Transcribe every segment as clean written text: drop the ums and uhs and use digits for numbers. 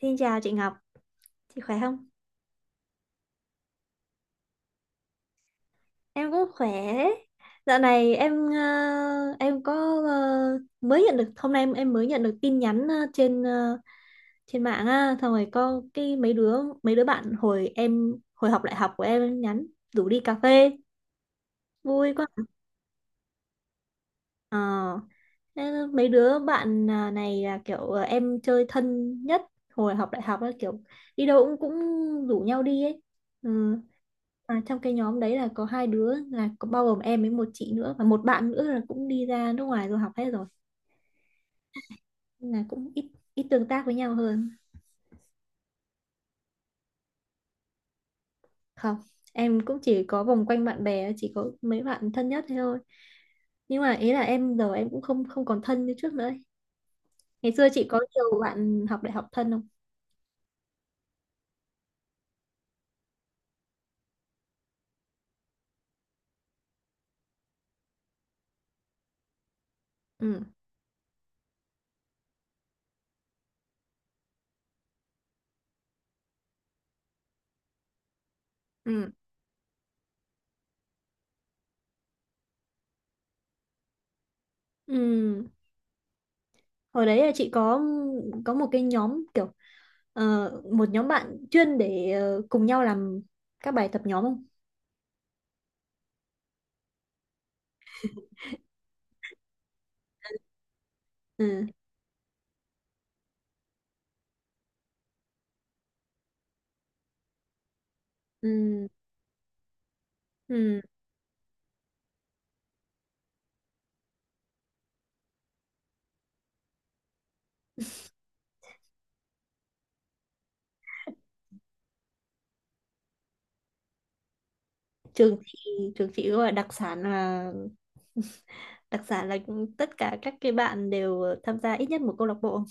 Xin chào chị Ngọc, chị khỏe không? Em cũng khỏe. Dạo này em em có mới nhận được hôm nay em mới nhận được tin nhắn trên trên mạng á, xong rồi có cái mấy đứa bạn hồi em hồi học đại học của em nhắn rủ đi cà phê, vui quá. Ờ, thế mấy đứa bạn à, này là kiểu em chơi thân nhất hồi học đại học á, kiểu đi đâu cũng cũng rủ nhau đi ấy. Ừ. À, trong cái nhóm đấy là có hai đứa là có bao gồm em với một chị nữa và một bạn nữa là cũng đi ra nước ngoài rồi học hết rồi nên là cũng ít ít tương tác với nhau hơn không, em cũng chỉ có vòng quanh bạn bè chỉ có mấy bạn thân nhất thế thôi nhưng mà ý là em giờ em cũng không không còn thân như trước nữa ấy. Ngày xưa chị có nhiều bạn học đại học thân không? Ừ. Ừ. Ừ, hồi đấy là chị có một cái nhóm kiểu một nhóm bạn chuyên để cùng nhau làm các bài tập nhóm không? Ừ. Ừ. Ừ, trường chị trường chị gọi đặc sản là đặc sản là tất cả các cái bạn đều tham gia ít nhất một câu lạc bộ.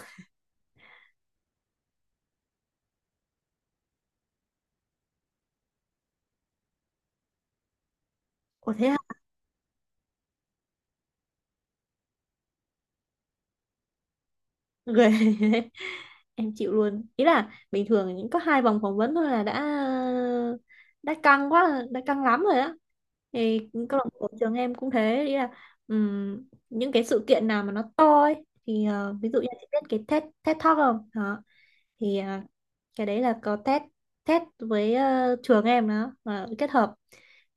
Ủa thế à? Ghê, em chịu luôn, ý là bình thường những có hai vòng phỏng vấn thôi là đã căng quá đã căng lắm rồi á thì câu lạc bộ trường em cũng thế, ý là ừm, những cái sự kiện nào mà nó to ấy thì ờ, ví dụ như chị biết cái TED TED Talk không đó thì à, cái đấy là có test test với trường em đó mà kết hợp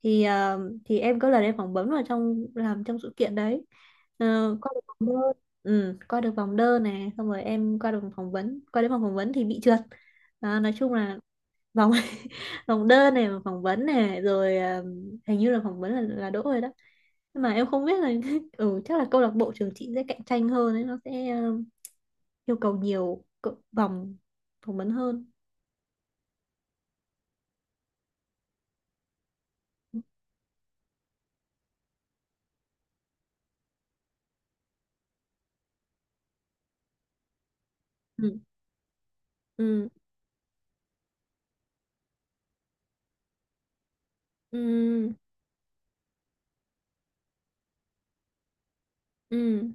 thì thì em có lần em phỏng vấn vào trong làm trong sự kiện đấy. uh, ừ, qua được vòng đơn nè xong rồi em qua được vòng phỏng vấn qua đến vòng phỏng vấn thì bị trượt. Đó, nói chung là vòng vòng đơn này vòng phỏng vấn này rồi à, hình như là phỏng vấn là đỗ rồi đó nhưng mà em không biết là ừ chắc là câu lạc bộ trường chị sẽ cạnh tranh hơn đấy, nó sẽ yêu cầu nhiều vòng phỏng vấn hơn. Ừ. Ừ. Ừ. Ừ.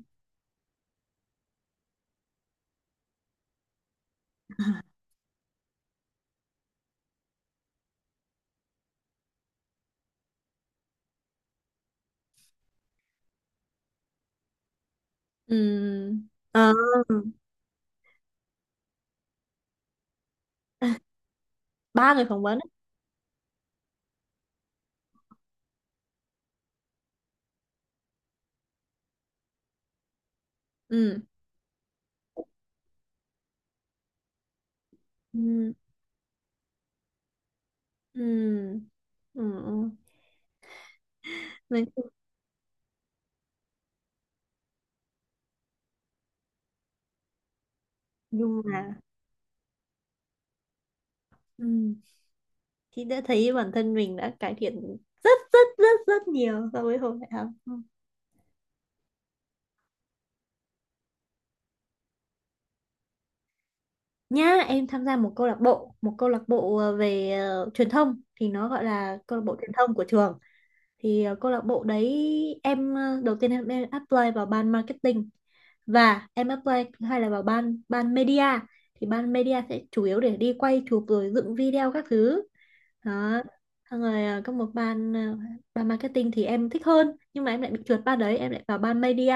Ừ. Ờ, ba người phỏng vấn ấy. Ừ. Ừ. Ừ, ừ. Nói chung nhưng mà ừ. Chị đã thấy bản thân mình đã cải thiện rất rất rất rất nhiều so với hồi đại học. Nhá em tham gia một câu lạc bộ về truyền thông thì nó gọi là câu lạc bộ truyền thông của trường. Thì câu lạc bộ đấy em ờ, đầu tiên em apply vào ban marketing và em apply hay là vào ban ban media, thì ban media sẽ chủ yếu để đi quay chụp rồi dựng video các thứ đó. Xong rồi có một ban ban marketing thì em thích hơn nhưng mà em lại bị trượt ban đấy em lại vào ban media.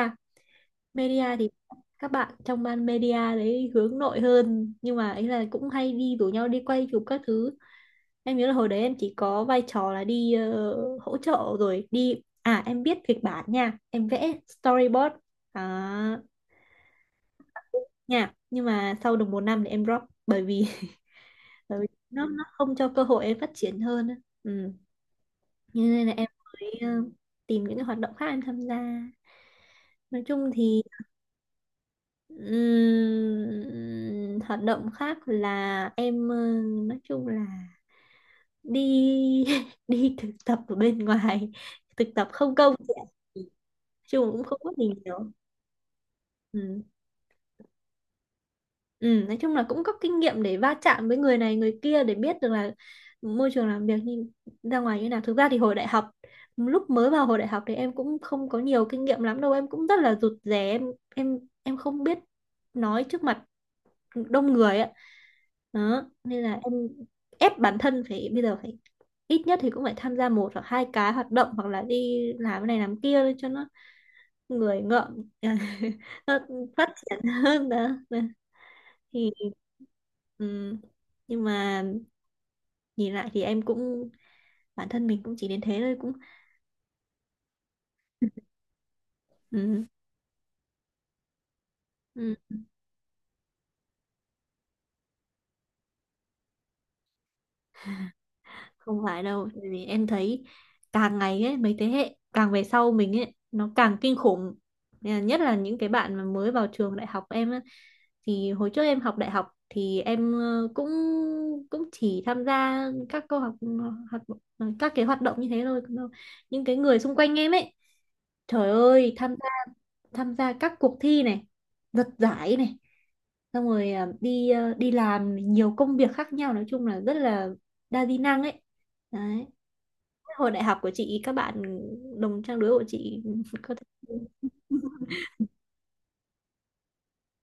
Media thì các bạn trong ban media đấy hướng nội hơn nhưng mà ấy là cũng hay đi rủ nhau đi quay chụp các thứ. Em nhớ là hồi đấy em chỉ có vai trò là đi hỗ trợ rồi đi à em biết kịch bản nha em vẽ storyboard à, nha nhưng mà sau được một năm thì em drop bởi vì bởi vì nó không cho cơ hội em phát triển hơn á. Ừ. Cho nên là em mới tìm những cái hoạt động khác em tham gia, nói chung thì hoạt động khác là em ờ, nói chung là đi đi thực tập ở bên ngoài, thực tập không công chị ạ. Ừ, chung cũng không có gì nhiều. Ừ. Ừ, nói chung là cũng có kinh nghiệm để va chạm với người này người kia để biết được là môi trường làm việc như ra ngoài như nào. Thực ra thì hồi đại học lúc mới vào hồi đại học thì em cũng không có nhiều kinh nghiệm lắm đâu, em cũng rất là rụt rè, em không biết nói trước mặt đông người ạ. Đó nên là em ép bản thân phải bây giờ phải ít nhất thì cũng phải tham gia một hoặc hai cái hoạt động hoặc là đi làm cái này làm kia để cho nó người ngợm nó phát triển hơn đó. Đó. Thì ừm, nhưng mà nhìn lại thì em cũng bản thân mình cũng chỉ đến thế thôi cũng ừm, ừm. Không phải đâu tại vì em thấy càng ngày ấy mấy thế hệ càng về sau mình ấy nó càng kinh khủng. Nên là nhất là những cái bạn mà mới vào trường đại học em ấy, thì hồi trước em học đại học thì em cũng cũng chỉ tham gia các câu học, học các cái hoạt động như thế thôi. Những cái người xung quanh em ấy, trời ơi tham gia các cuộc thi này giật giải này xong rồi à, đi làm nhiều công việc khác nhau nói chung là rất là đa di năng ấy, đấy hồi đại học của chị các bạn đồng trang lứa của chị.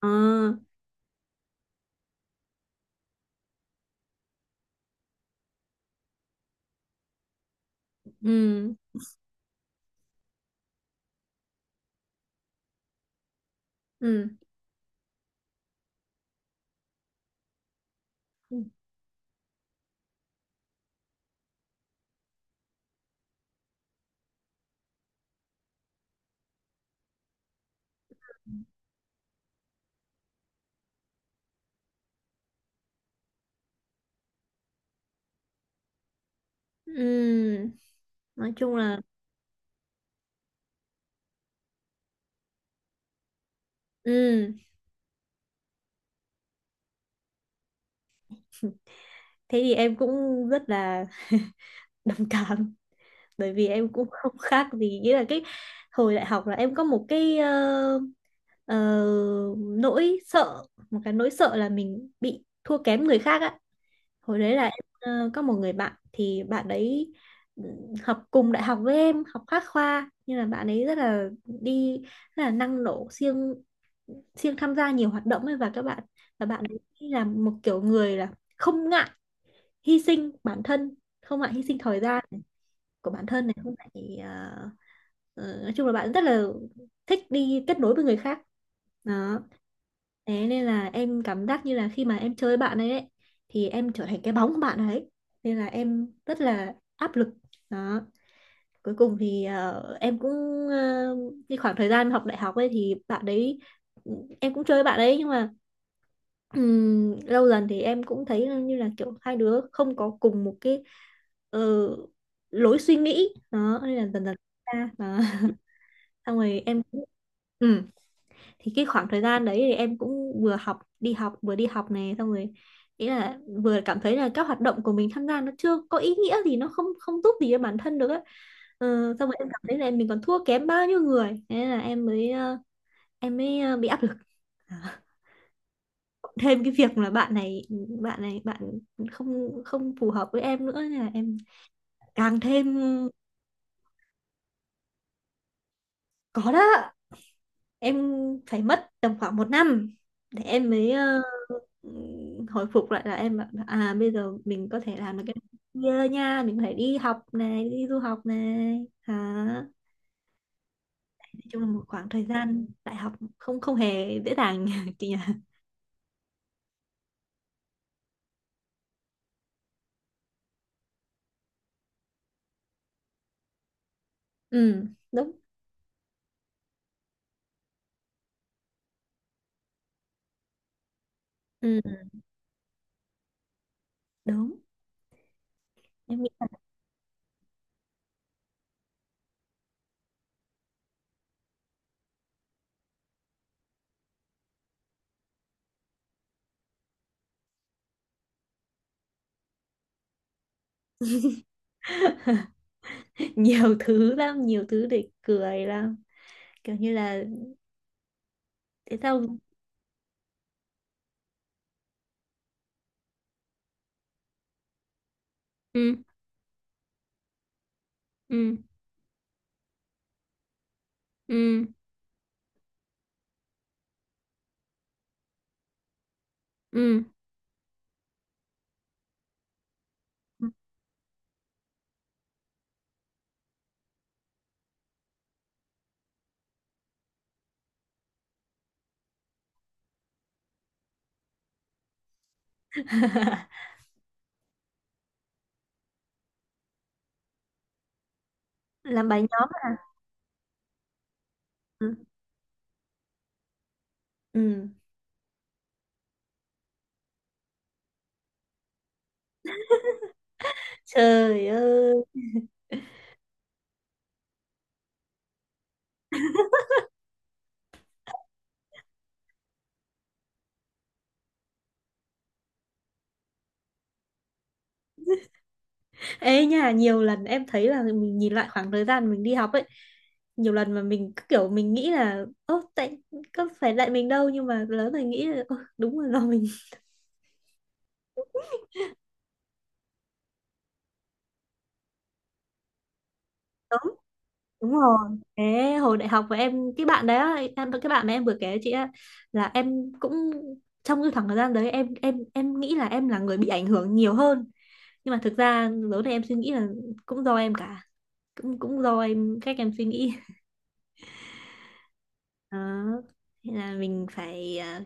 Ờ. Ừ. Ừ. Ừ. Nói chung là ừ. Thế thì em cũng rất là đồng cảm bởi vì em cũng không khác gì, nghĩa là cái hồi đại học là em có một cái ờ, nỗi sợ, một cái nỗi sợ là mình bị thua kém người khác á. Hồi đấy là em có một người bạn thì bạn đấy ừ, học cùng đại học với em học khác khoa nhưng là bạn ấy rất là đi rất là năng nổ siêng siêng tham gia nhiều hoạt động ấy và các bạn và bạn ấy là một kiểu người là không ngại hy sinh bản thân, không ngại hy sinh thời gian của bản thân này, không phải ờ, nói chung là bạn rất là thích đi kết nối với người khác đó. Thế nên là em cảm giác như là khi mà em chơi với ấy thì em trở thành cái bóng của bạn ấy nên là em rất là áp lực đó. Cuối cùng thì em cũng ờ, cái khoảng thời gian học đại học ấy thì bạn đấy ừ, em cũng chơi với bạn đấy nhưng mà lâu dần thì em cũng thấy như là kiểu hai đứa không có cùng một cái ờ, lối suy nghĩ đó nên là dần dần ra đó. Xong rồi em cũng ừ. Thì cái khoảng thời gian đấy thì em cũng vừa học đi học vừa đi học này xong rồi ý là vừa cảm thấy là các hoạt động của mình tham gia nó chưa có ý nghĩa gì, nó không không giúp gì cho bản thân được á. Ờ, xong rồi em cảm thấy là em mình còn thua kém bao nhiêu người thế là em mới em mới bị áp lực thêm cái việc là bạn không không phù hợp với em nữa nên là em càng thêm. Có đó, em phải mất tầm khoảng một năm để em mới hồi phục lại là em bảo, là, à bây giờ mình có thể làm được cái kia nha, mình phải đi học này đi du học này hả. Nói chung là một khoảng thời gian đại học không không hề dễ dàng chị nhỉ. Ừ đúng. Ừ, đúng. Em nghĩ là nhiều thứ lắm, nhiều thứ để cười lắm. Kiểu như là thế sao ừ ừ ừ ừ làm bài nhóm à? Ừ. Ừ. Trời ơi. Ê nha, nhiều lần em thấy là mình nhìn lại khoảng thời gian mình đi học ấy, nhiều lần mà mình cứ kiểu mình nghĩ là ô tại có phải tại mình đâu nhưng mà lớn rồi nghĩ là "Ơ, đúng rồi do mình đúng đúng rồi". Thế hồi đại học của em cái bạn đấy á, em cái bạn mà em vừa kể chị á là em cũng trong cái khoảng thời gian đấy em nghĩ là em là người bị ảnh hưởng nhiều hơn nhưng mà thực ra lớn này em suy nghĩ là cũng do em cả, cũng cũng do em cách em suy nghĩ đó. Thế là mình phải à,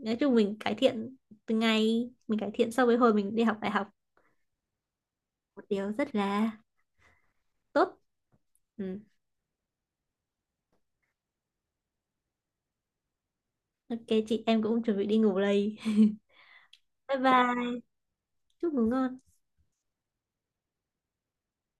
nói chung mình cải thiện từng ngày, mình cải thiện so với hồi mình đi học đại học một điều rất là tốt. Ừ. Ok, chị em cũng chuẩn bị đi ngủ đây. Bye bye, chúc ngủ ngon.